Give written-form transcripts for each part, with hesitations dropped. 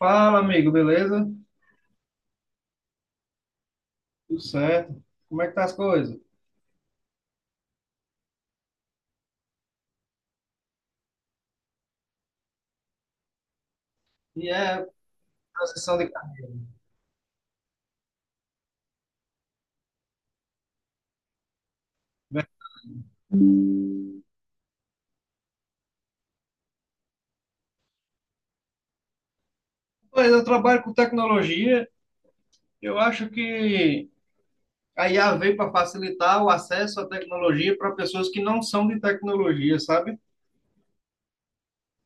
Fala, amigo, beleza? Tudo certo? Como é que tá as coisas? E é transição de carreira. Né? Pois eu trabalho com tecnologia, eu acho que a IA veio para facilitar o acesso à tecnologia para pessoas que não são de tecnologia, sabe?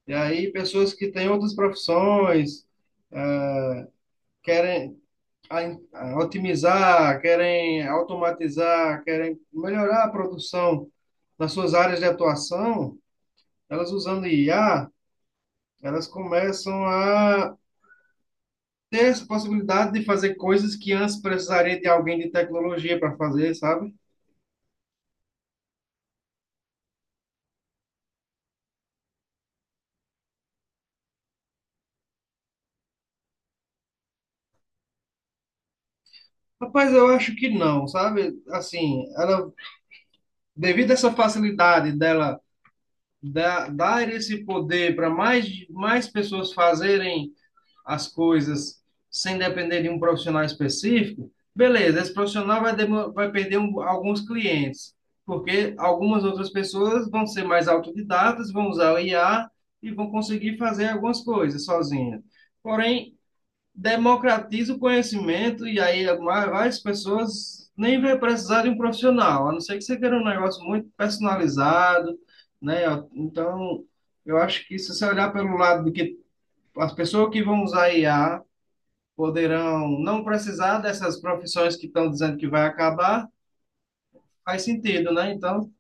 E aí, pessoas que têm outras profissões, é, querem a otimizar, querem automatizar, querem melhorar a produção nas suas áreas de atuação, elas usando IA. Elas começam a ter essa possibilidade de fazer coisas que antes precisaria de alguém de tecnologia para fazer, sabe? Rapaz, eu acho que não, sabe? Assim, ela, devido a essa facilidade dela dar esse poder para mais, mais pessoas fazerem as coisas sem depender de um profissional específico, beleza, esse profissional vai, vai perder alguns clientes, porque algumas outras pessoas vão ser mais autodidatas, vão usar o IA e vão conseguir fazer algumas coisas sozinha. Porém, democratiza o conhecimento e aí várias pessoas nem vai precisar de um profissional, a não ser que você queira um negócio muito personalizado, né? Então, eu acho que se você olhar pelo lado de que as pessoas que vão usar IA poderão não precisar dessas profissões que estão dizendo que vai acabar, faz sentido, né? Então,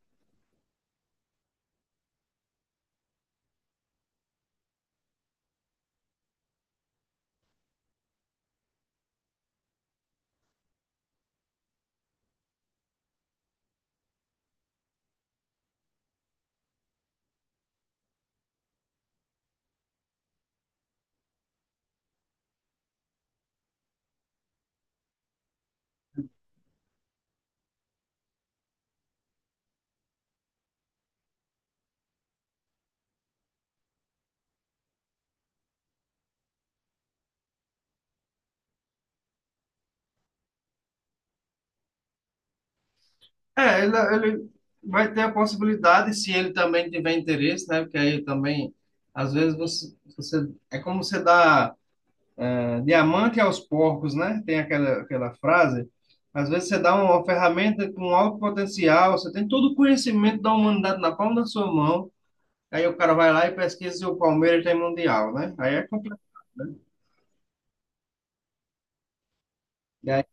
é, ele vai ter a possibilidade, se ele também tiver interesse, né? Porque aí também, às vezes, você é como você dá diamante aos porcos, né? Tem aquela frase. Às vezes você dá uma ferramenta com alto potencial, você tem todo o conhecimento da humanidade na palma da sua mão, aí o cara vai lá e pesquisa se o Palmeiras tem mundial, né? Aí é complicado, né? E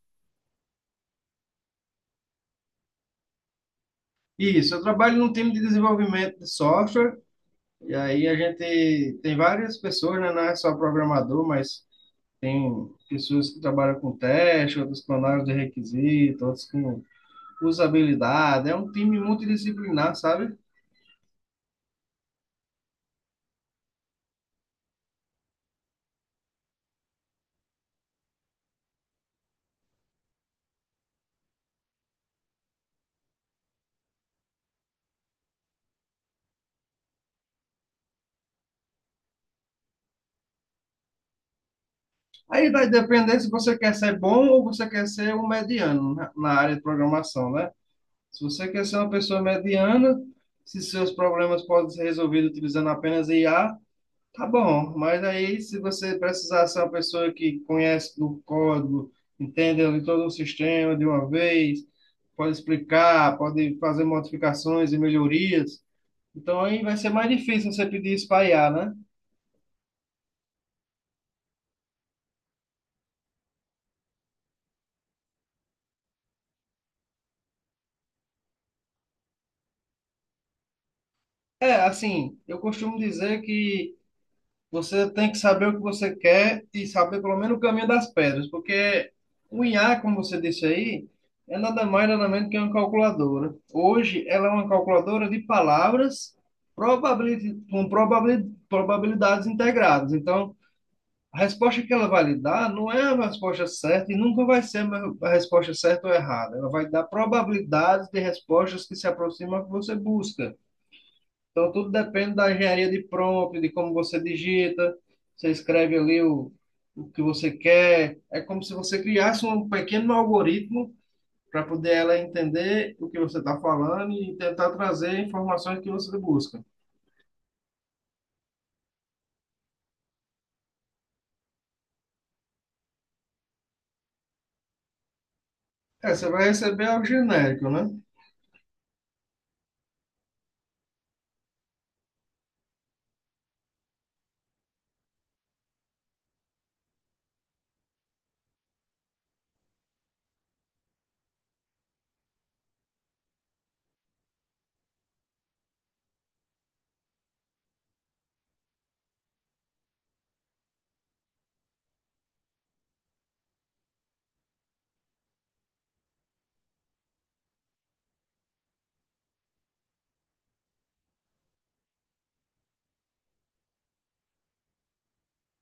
isso, eu trabalho num time de desenvolvimento de software, e aí a gente tem várias pessoas, né? Não é só programador, mas tem pessoas que trabalham com teste, outros com análise de requisito, outros com usabilidade. É um time multidisciplinar, sabe? Aí vai depender se você quer ser bom ou você quer ser um mediano na na área de programação, né? Se você quer ser uma pessoa mediana, se seus problemas podem ser resolvidos utilizando apenas IA, tá bom, mas aí se você precisar ser uma pessoa que conhece do código, entende ali todo o sistema de uma vez, pode explicar, pode fazer modificações e melhorias, então aí vai ser mais difícil você pedir isso para IA, né? É, assim, eu costumo dizer que você tem que saber o que você quer e saber pelo menos o caminho das pedras, porque o IA, como você disse aí, é nada mais nada menos que uma calculadora. Hoje ela é uma calculadora de palavras probabilidades integradas. Então, a resposta que ela vai lhe dar não é a resposta certa e nunca vai ser a resposta certa ou errada. Ela vai dar probabilidades de respostas que se aproximam do que você busca. Então, tudo depende da engenharia de prompt, de como você digita, você escreve ali o que você quer. É como se você criasse um pequeno algoritmo para poder ela entender o que você está falando e tentar trazer informações que você busca. É, você vai receber algo genérico, né?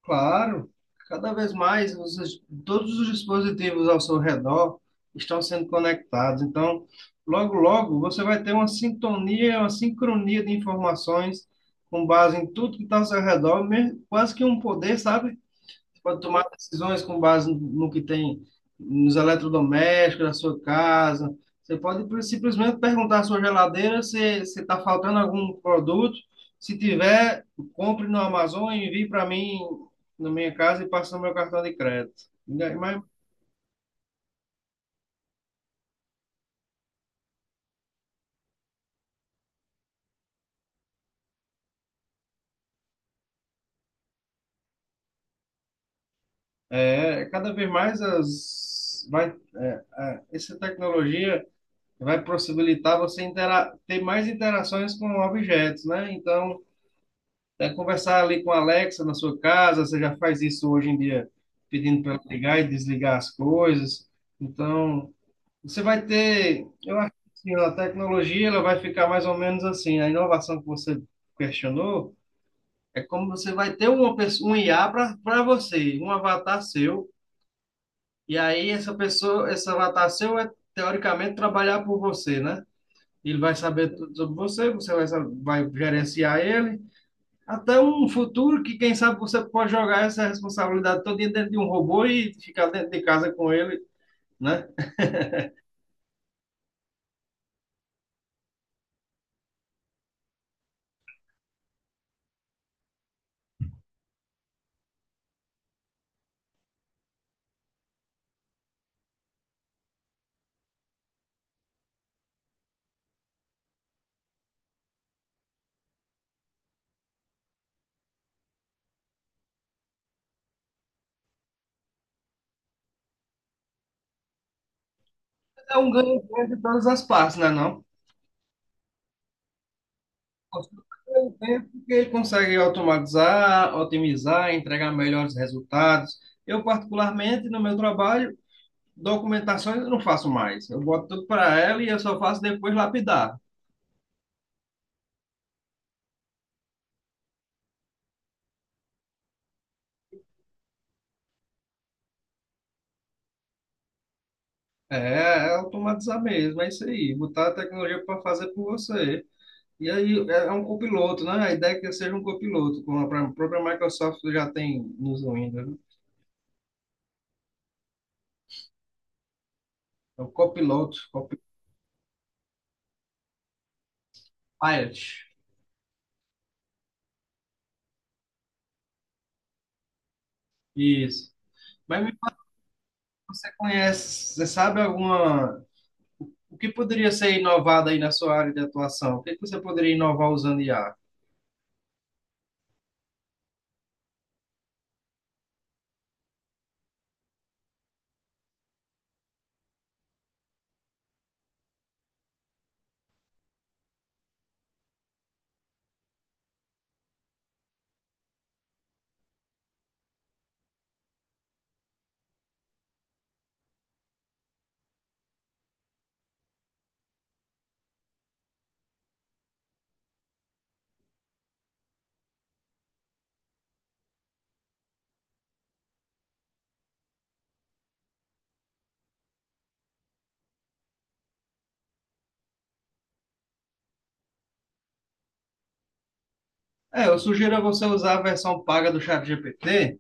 Claro, cada vez mais todos os dispositivos ao seu redor estão sendo conectados. Então, logo, logo, você vai ter uma sintonia, uma sincronia de informações com base em tudo que está ao seu redor, quase que um poder, sabe? Pode tomar decisões com base no no que tem nos eletrodomésticos da sua casa. Você pode simplesmente perguntar à sua geladeira se se está faltando algum produto. Se tiver, compre no Amazon e envie para mim na minha casa e passe no meu cartão de crédito. E mas é, cada vez mais as, vai, é, é, essa tecnologia vai possibilitar você intera ter mais interações com objetos, né? Então né, conversar ali com a Alexa na sua casa, você já faz isso hoje em dia, pedindo para ela ligar e desligar as coisas. Então, você vai ter, eu acho que assim, a tecnologia ela vai ficar mais ou menos assim, a inovação que você questionou é como você vai ter uma pessoa, um IA para você, um avatar seu, e aí essa pessoa, esse avatar seu é teoricamente trabalhar por você, né? Ele vai saber tudo sobre você, você vai, vai gerenciar ele, até um futuro que, quem sabe, você pode jogar essa responsabilidade toda dentro de um robô e ficar dentro de casa com ele, né? É um ganho grande de todas as partes, né, não? Pelo tempo que ele consegue automatizar, otimizar, entregar melhores resultados. Eu, particularmente, no meu trabalho, documentações eu não faço mais. Eu boto tudo para ela e eu só faço depois lapidar. É, é automatizar mesmo, é isso aí. Botar a tecnologia para fazer por você. E aí é é um copiloto, né? A ideia é que seja um copiloto, como a própria Microsoft já tem nos Windows, né? É o copiloto, copilot. Isso. Mas me fala, você conhece, você sabe alguma. O que poderia ser inovado aí na sua área de atuação? O que que você poderia inovar usando IA? É, eu sugiro a você usar a versão paga do ChatGPT,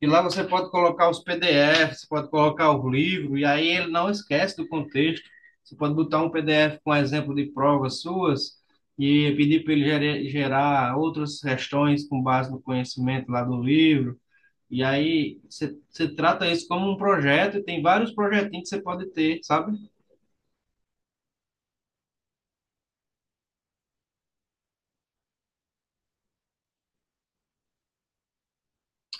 e lá você pode colocar os PDFs, você pode colocar o livro, e aí ele não esquece do contexto. Você pode botar um PDF com exemplo de provas suas e pedir para ele gerar outras questões com base no conhecimento lá do livro. E aí você trata isso como um projeto, e tem vários projetinhos que você pode ter, sabe?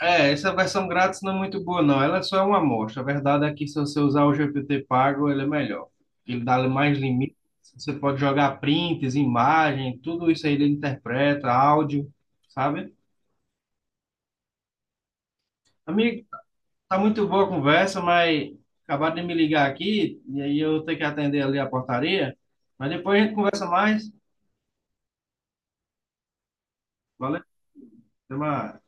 É, essa versão grátis não é muito boa, não. Ela só é uma amostra. A verdade é que se você usar o GPT pago, ele é melhor. Ele dá mais limites. Você pode jogar prints, imagem, tudo isso aí ele interpreta, áudio, sabe? Amigo, tá muito boa a conversa, mas acabaram de me ligar aqui, e aí eu tenho que atender ali a portaria. Mas depois a gente conversa mais. Valeu, até mais.